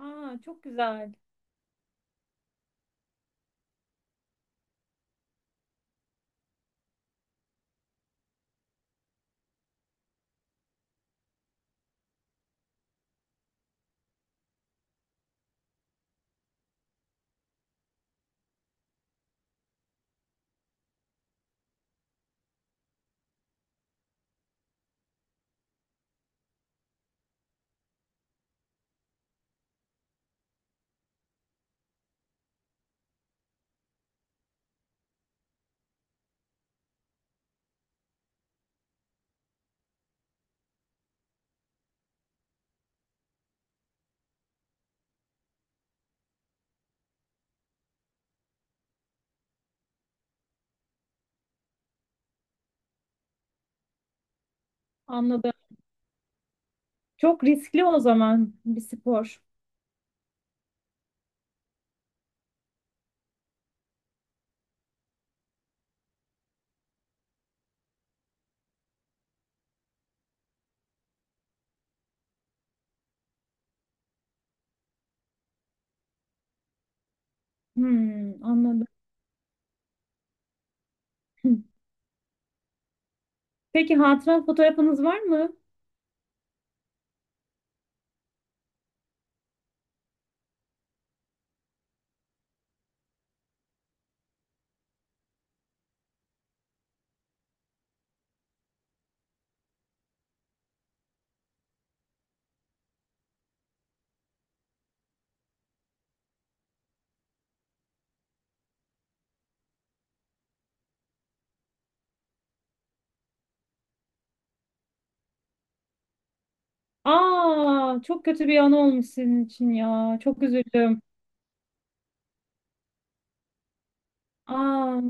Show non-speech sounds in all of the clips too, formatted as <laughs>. Aa, çok güzel. Anladım. Çok riskli o zaman bir spor. Hmm, anladım. <laughs> Peki hatıra fotoğrafınız var mı? Aa, çok kötü bir an olmuş sizin için ya. Çok üzüldüm. Aa,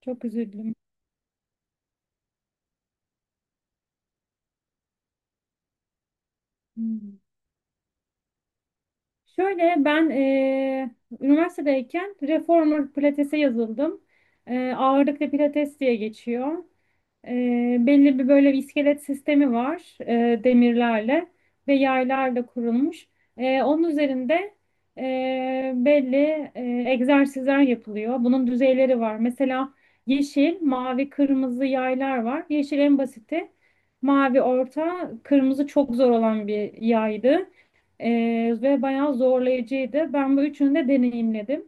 çok üzüldüm. Hmm. Şöyle ben üniversitedeyken reformer pilatese yazıldım. Ağırlıklı pilates diye geçiyor. Belli bir böyle bir iskelet sistemi var, demirlerle ve yaylarla kurulmuş. Onun üzerinde belli egzersizler yapılıyor. Bunun düzeyleri var. Mesela yeşil, mavi, kırmızı yaylar var. Yeşil en basiti, mavi orta, kırmızı çok zor olan bir yaydı. Ve bayağı zorlayıcıydı. Ben bu üçünü de deneyimledim.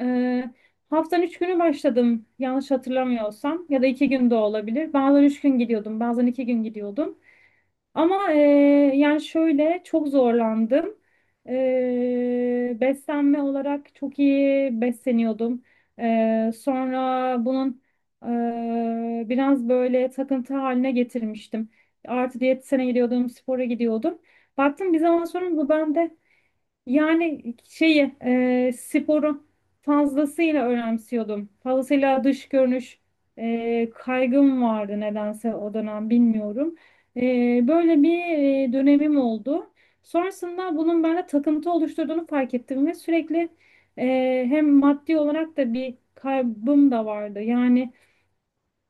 Ee, haftanın 3 günü başladım, yanlış hatırlamıyorsam, ya da 2 gün de olabilir. Bazen 3 gün gidiyordum, bazen 2 gün gidiyordum. Ama yani şöyle, çok zorlandım. Beslenme olarak çok iyi besleniyordum. Sonra bunun biraz böyle takıntı haline getirmiştim. Artı diyetisyene gidiyordum, spora gidiyordum. Baktım bir zaman sonra bu bende, yani şeyi, sporu fazlasıyla önemsiyordum. Fazlasıyla dış görünüş kaygım vardı, nedense o dönem, bilmiyorum. E, böyle bir dönemim oldu. Sonrasında bunun bende takıntı oluşturduğunu fark ettim ve sürekli hem maddi olarak da bir kaybım da vardı. Yani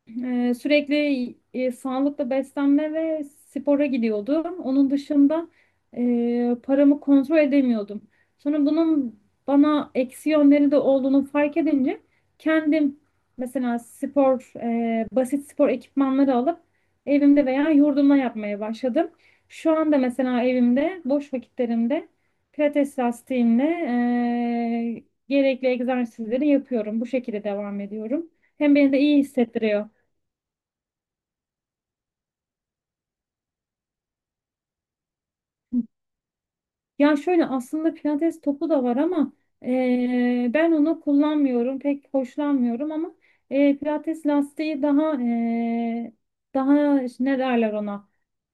sürekli sağlıklı beslenme ve spora gidiyordum. Onun dışında paramı kontrol edemiyordum. Sonra bunun bana eksi yönleri de olduğunu fark edince kendim, mesela basit spor ekipmanları alıp evimde veya yurdumda yapmaya başladım. Şu anda mesela evimde boş vakitlerimde pilates lastiğimle gerekli egzersizleri yapıyorum. Bu şekilde devam ediyorum. Hem beni de iyi hissettiriyor. Ya şöyle, aslında pilates topu da var ama ben onu kullanmıyorum, pek hoşlanmıyorum, ama pilates lastiği daha daha işte, ne derler ona?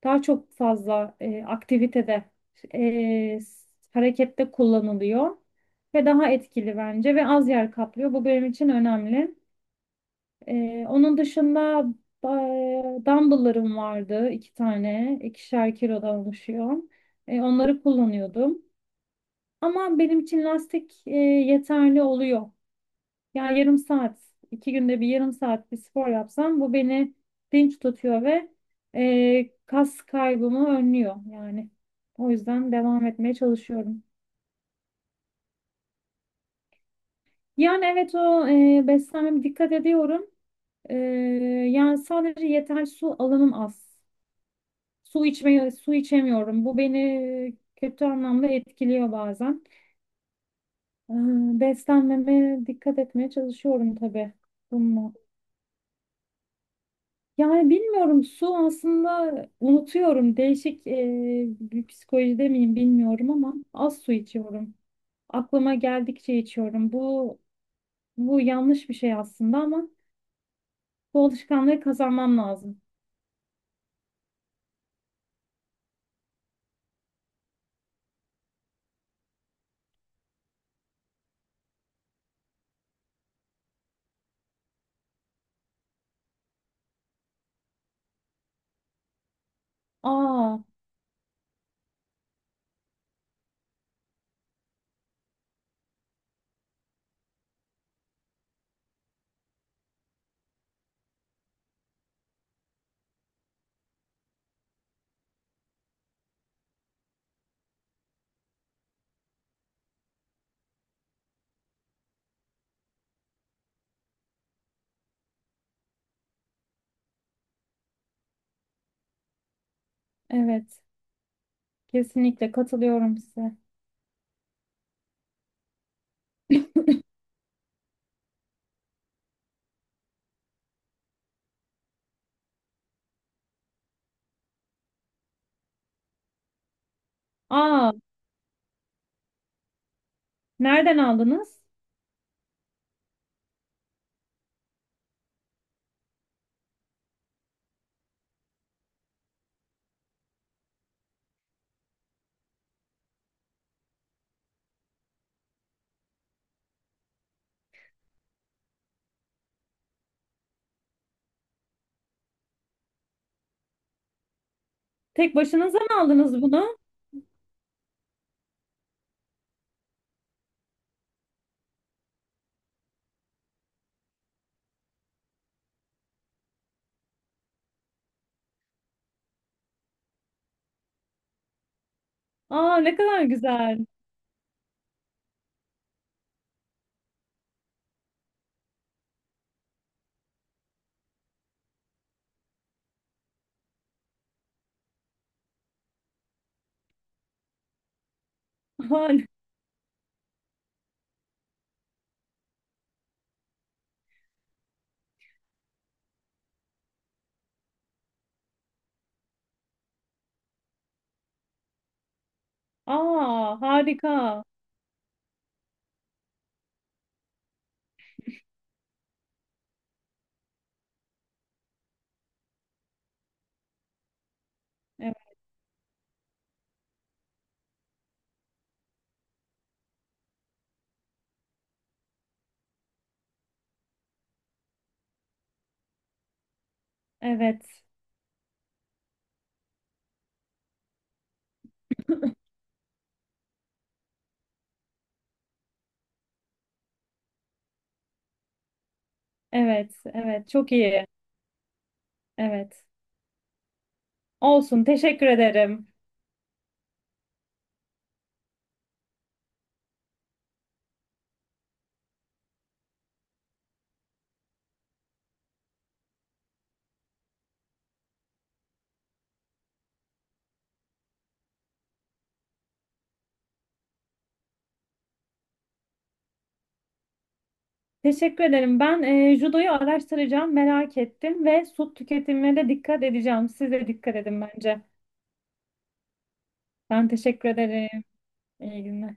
Daha çok fazla aktivitede, eee, harekette kullanılıyor ve daha etkili bence, ve az yer kaplıyor. Bu benim için önemli. Onun dışında dumbbell'larım vardı, iki tane, 2'şer kilodan oluşuyor. Onları kullanıyordum. Ama benim için lastik yeterli oluyor. Yani yarım saat, 2 günde bir yarım saat bir spor yapsam, bu beni dinç tutuyor ve kas kaybımı önlüyor yani. O yüzden devam etmeye çalışıyorum. Yani evet, beslenmeme dikkat ediyorum. E, yani sadece yeterli su alımım az. Su içemiyorum. Bu beni kötü anlamda etkiliyor bazen. E, beslenmeme dikkat etmeye çalışıyorum tabii. Bunun Yani bilmiyorum, su aslında unutuyorum. Değişik bir psikolojide miyim bilmiyorum ama az su içiyorum. Aklıma geldikçe içiyorum. Bu yanlış bir şey aslında ama bu alışkanlığı kazanmam lazım. Aa, evet, kesinlikle katılıyorum size. <clears throat> Aa, nereden aldınız? Tek başınıza mı aldınız bunu? Aa, ne kadar güzel. <laughs> Aa, harika. Evet, evet, evet, evet, çok iyi. Evet. Olsun, teşekkür ederim. Teşekkür ederim. Ben judoyu araştıracağım, merak ettim ve su tüketimine de dikkat edeceğim. Siz de dikkat edin bence. Ben teşekkür ederim. İyi günler.